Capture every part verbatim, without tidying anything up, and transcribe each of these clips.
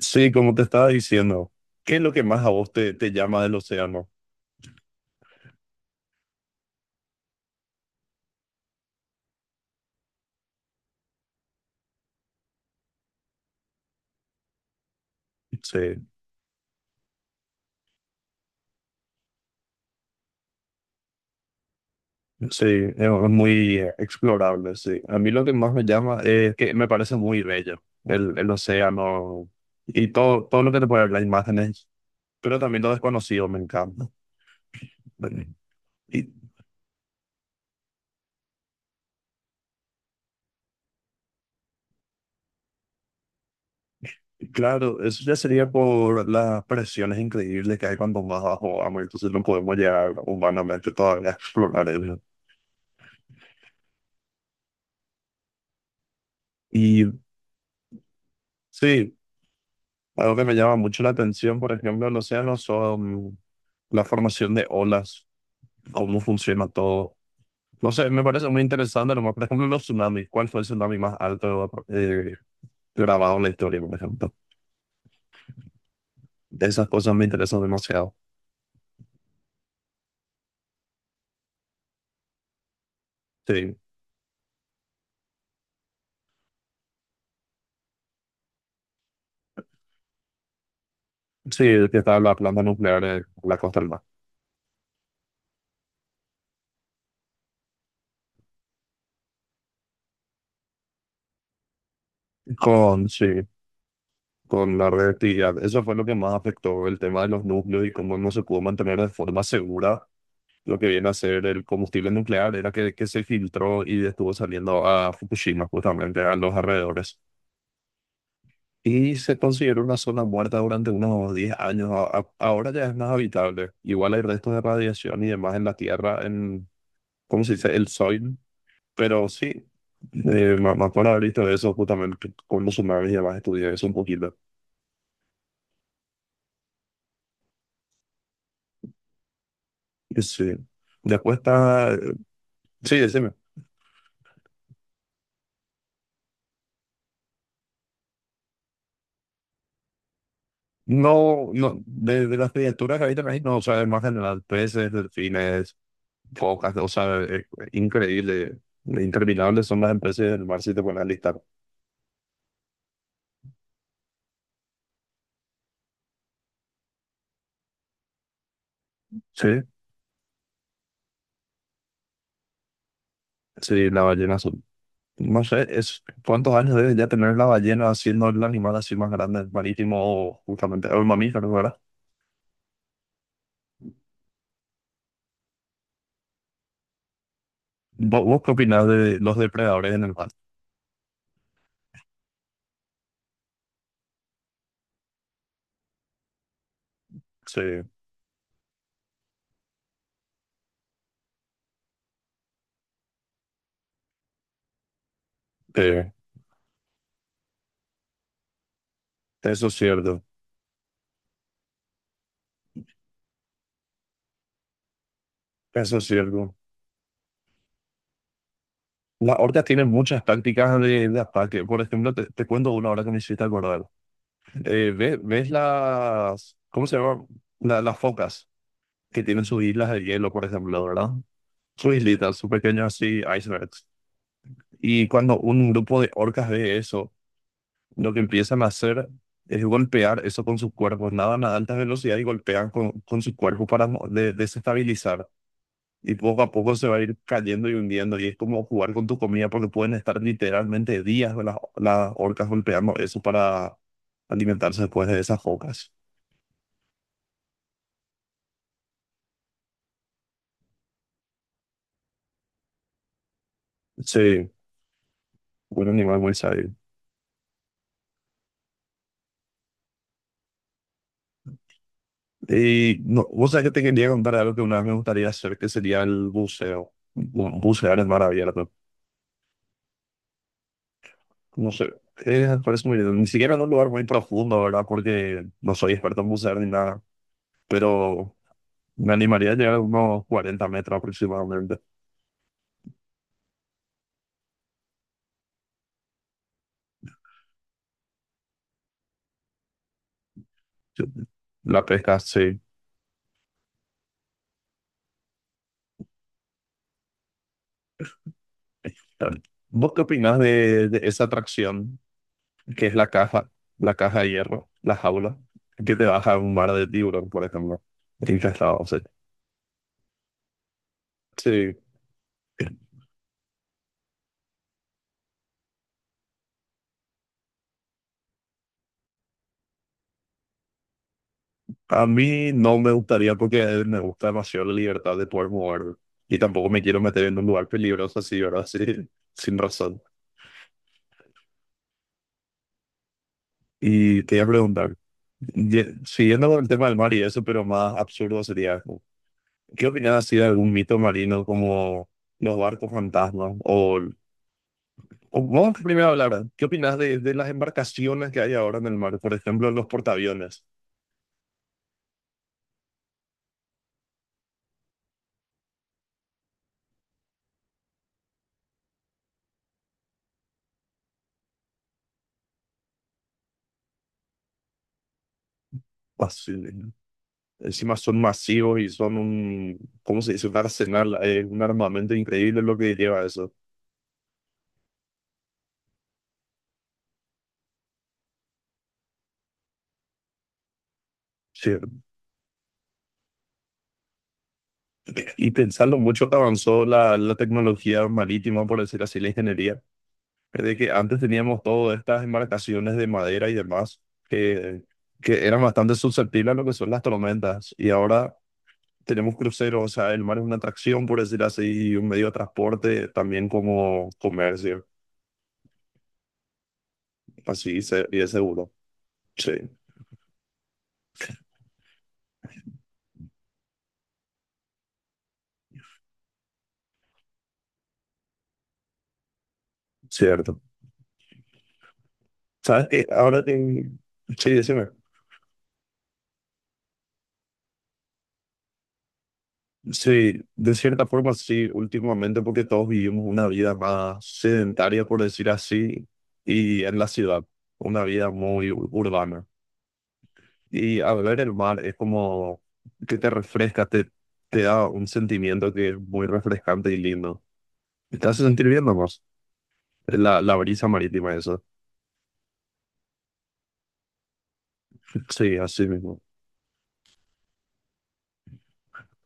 Sí, como te estaba diciendo, ¿qué es lo que más a vos te, te llama del océano? Sí, sí, es muy eh, explorable, sí. A mí lo que más me llama es que me parece muy bello el, el océano y todo, todo lo que te puede dar las imágenes, pero también lo desconocido me encanta. Y, Claro, eso ya sería por las presiones increíbles que hay cuando vas a agua, entonces no podemos llegar humanamente todavía a explorar eso. Y sí, algo que me llama mucho la atención, por ejemplo, en los océanos son la formación de olas, cómo funciona todo. No sé, me parece muy interesante, nomás, por ejemplo, los tsunamis, ¿cuál fue el tsunami más alto eh, grabado en la historia, por ejemplo? De esas cosas me interesan demasiado. Sí, sí, el que está la planta nuclear eh, en la costa del mar. Con, sí. Con la reactividad. Eso fue lo que más afectó el tema de los núcleos y cómo no se pudo mantener de forma segura lo que viene a ser el combustible nuclear, era que, que se filtró y estuvo saliendo a Fukushima, justamente a los alrededores. Y se consideró una zona muerta durante unos diez años. A- a- ahora ya es más habitable. Igual hay restos de radiación y demás en la Tierra, en, ¿cómo se dice? El soil. Pero sí, eh, me me acuerdo haber visto eso justamente con los humanos y demás, estudié eso un poquito. Y sí. Después está. Sí, decime. No, no, de, de las criaturas que habitan ahí, no, o sea, más general, peces, delfines, focas, o sea, es increíble, interminables son las especies del mar si te pones a listar. Sí, sí, la ballena azul. No sé, es, ¿cuántos años debe ya tener la ballena siendo el animal así más grande, el marítimo, justamente, o el mamífero, ¿verdad? ¿Vos, vos qué opinás de los depredadores en el mar? Sí, eh, eso es cierto, eso es cierto. Las orcas tienen muchas tácticas de, de ataque. Por ejemplo, te, te cuento una ahora que me hiciste acordar. Eh, ve- ¿ves, las, ¿cómo se llama? La- las focas que tienen sus islas de hielo, por ejemplo, ¿verdad? Sus islitas, sus pequeños así, icebergs. Y cuando un grupo de orcas ve eso, lo que empiezan a hacer es golpear eso con sus cuerpos. Nadan a alta velocidad y golpean con, con sus cuerpos para mo- de- desestabilizar. Y poco a poco se va a ir cayendo y hundiendo. Y es como jugar con tu comida porque pueden estar literalmente días las, las orcas golpeando eso para alimentarse después de esas focas. Sí, un animal muy sabio. Y no, vos sabés que te quería contar algo que una vez me gustaría hacer, que sería el buceo. Bu- Bucear en mar abierto. No sé, eh, me parece muy lindo. Ni siquiera en un lugar muy profundo, ¿verdad? Porque no soy experto en bucear ni nada, pero me animaría a llegar a unos cuarenta metros aproximadamente. Sí, la pesca, sí. ¿Vos qué opinás de, de esa atracción que es la caja, la caja de hierro, la jaula, que te baja a un mar de tiburón, por ejemplo? Infestado, o sea, sí. A mí no me gustaría porque me gusta demasiado la libertad de poder mover y tampoco me quiero meter en un lugar peligroso así, ¿verdad? Sí, sin razón. Y te iba a preguntar, ye- siguiendo con el tema del mar y eso, pero más absurdo sería, ¿qué opinas así de algún mito marino como los barcos fantasmas o O vamos primero a hablar, ¿qué opinas de, de las embarcaciones que hay ahora en el mar? Por ejemplo, los portaaviones. Pas- Encima son masivos y son un, ¿cómo se dice? Un arsenal, eh, un armamento increíble lo que lleva eso. Sí. Y pensarlo mucho que avanzó la, la tecnología marítima, por decir así, la ingeniería. De que antes teníamos todas estas embarcaciones de madera y demás, que, que eran bastante susceptibles a lo que son las tormentas. Y ahora tenemos cruceros, o sea, el mar es una atracción, por decir así, y un medio de transporte también como comercio, así, se- y es seguro. Sí, cierto. ¿Sabes qué? Ahora, eh, sí, decime. Sí, de cierta forma sí, últimamente porque todos vivimos una vida más sedentaria, por decir así, y en la ciudad, una vida muy ur- urbana. Y al ver el mar es como que te refresca, te, te da un sentimiento que es muy refrescante y lindo. ¿Te hace sentir bien nomás? La, la brisa marítima, eso. Sí, así mismo.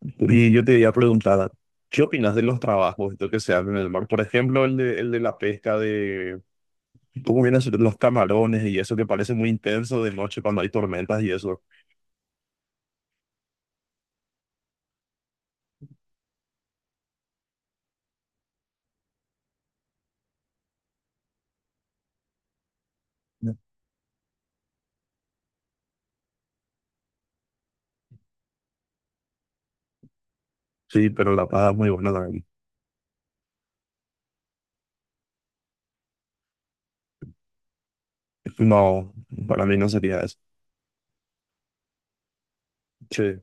Y yo te iba a preguntar, ¿qué opinas de los trabajos esto que se hacen en el mar? Por ejemplo, el de, el de la pesca de cómo vienen a ser los camarones y eso que parece muy intenso de noche cuando hay tormentas y eso. Sí, pero la paga es muy buena también. No, para mí no sería eso. Sí.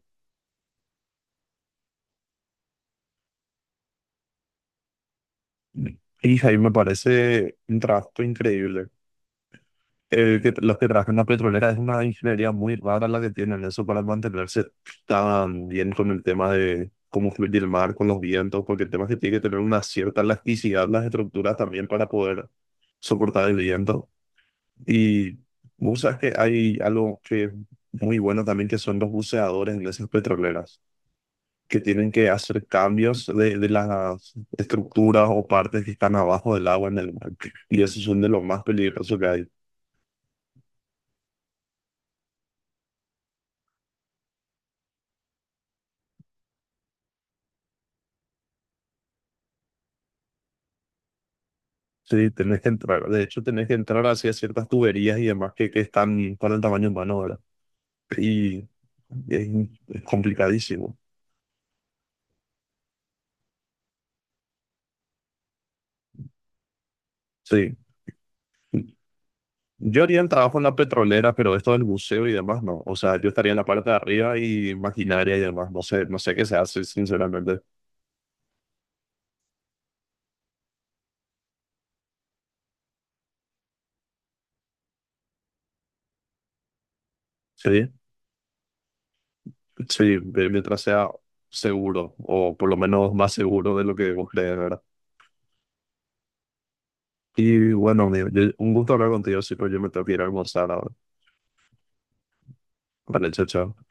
Y ahí me parece un trabajo increíble. Eh, que los que trabajan en la petrolera es una ingeniería muy rara la que tienen eso para mantenerse tan bien con el tema de cómo fluir el mar, con los vientos, porque el tema es que tiene que tener una cierta elasticidad las estructuras también para poder soportar el viento. Y vos sabes que hay algo que es muy bueno también que son los buceadores en esas petroleras, que tienen que hacer cambios de, de las estructuras o partes que están abajo del agua en el mar. Y esos son de los más peligrosos que hay. Sí, tenés que entrar. De hecho, tenés que entrar hacia ciertas tuberías y demás que, que están para el tamaño humano, ¿verdad? Y, y es, es complicadísimo. Sí. Yo haría el trabajo en la petrolera, pero esto del buceo y demás, no. O sea, yo estaría en la parte de arriba y maquinaria y demás. No sé, no sé qué se hace, sinceramente. Sí, sí, ve- mientras sea seguro, o por lo menos más seguro de lo que vos crees, ¿verdad? Y bueno, amigo, yo- un gusto hablar contigo, sí, pero yo me tengo que ir a almorzar ahora. Vale, chao, chao.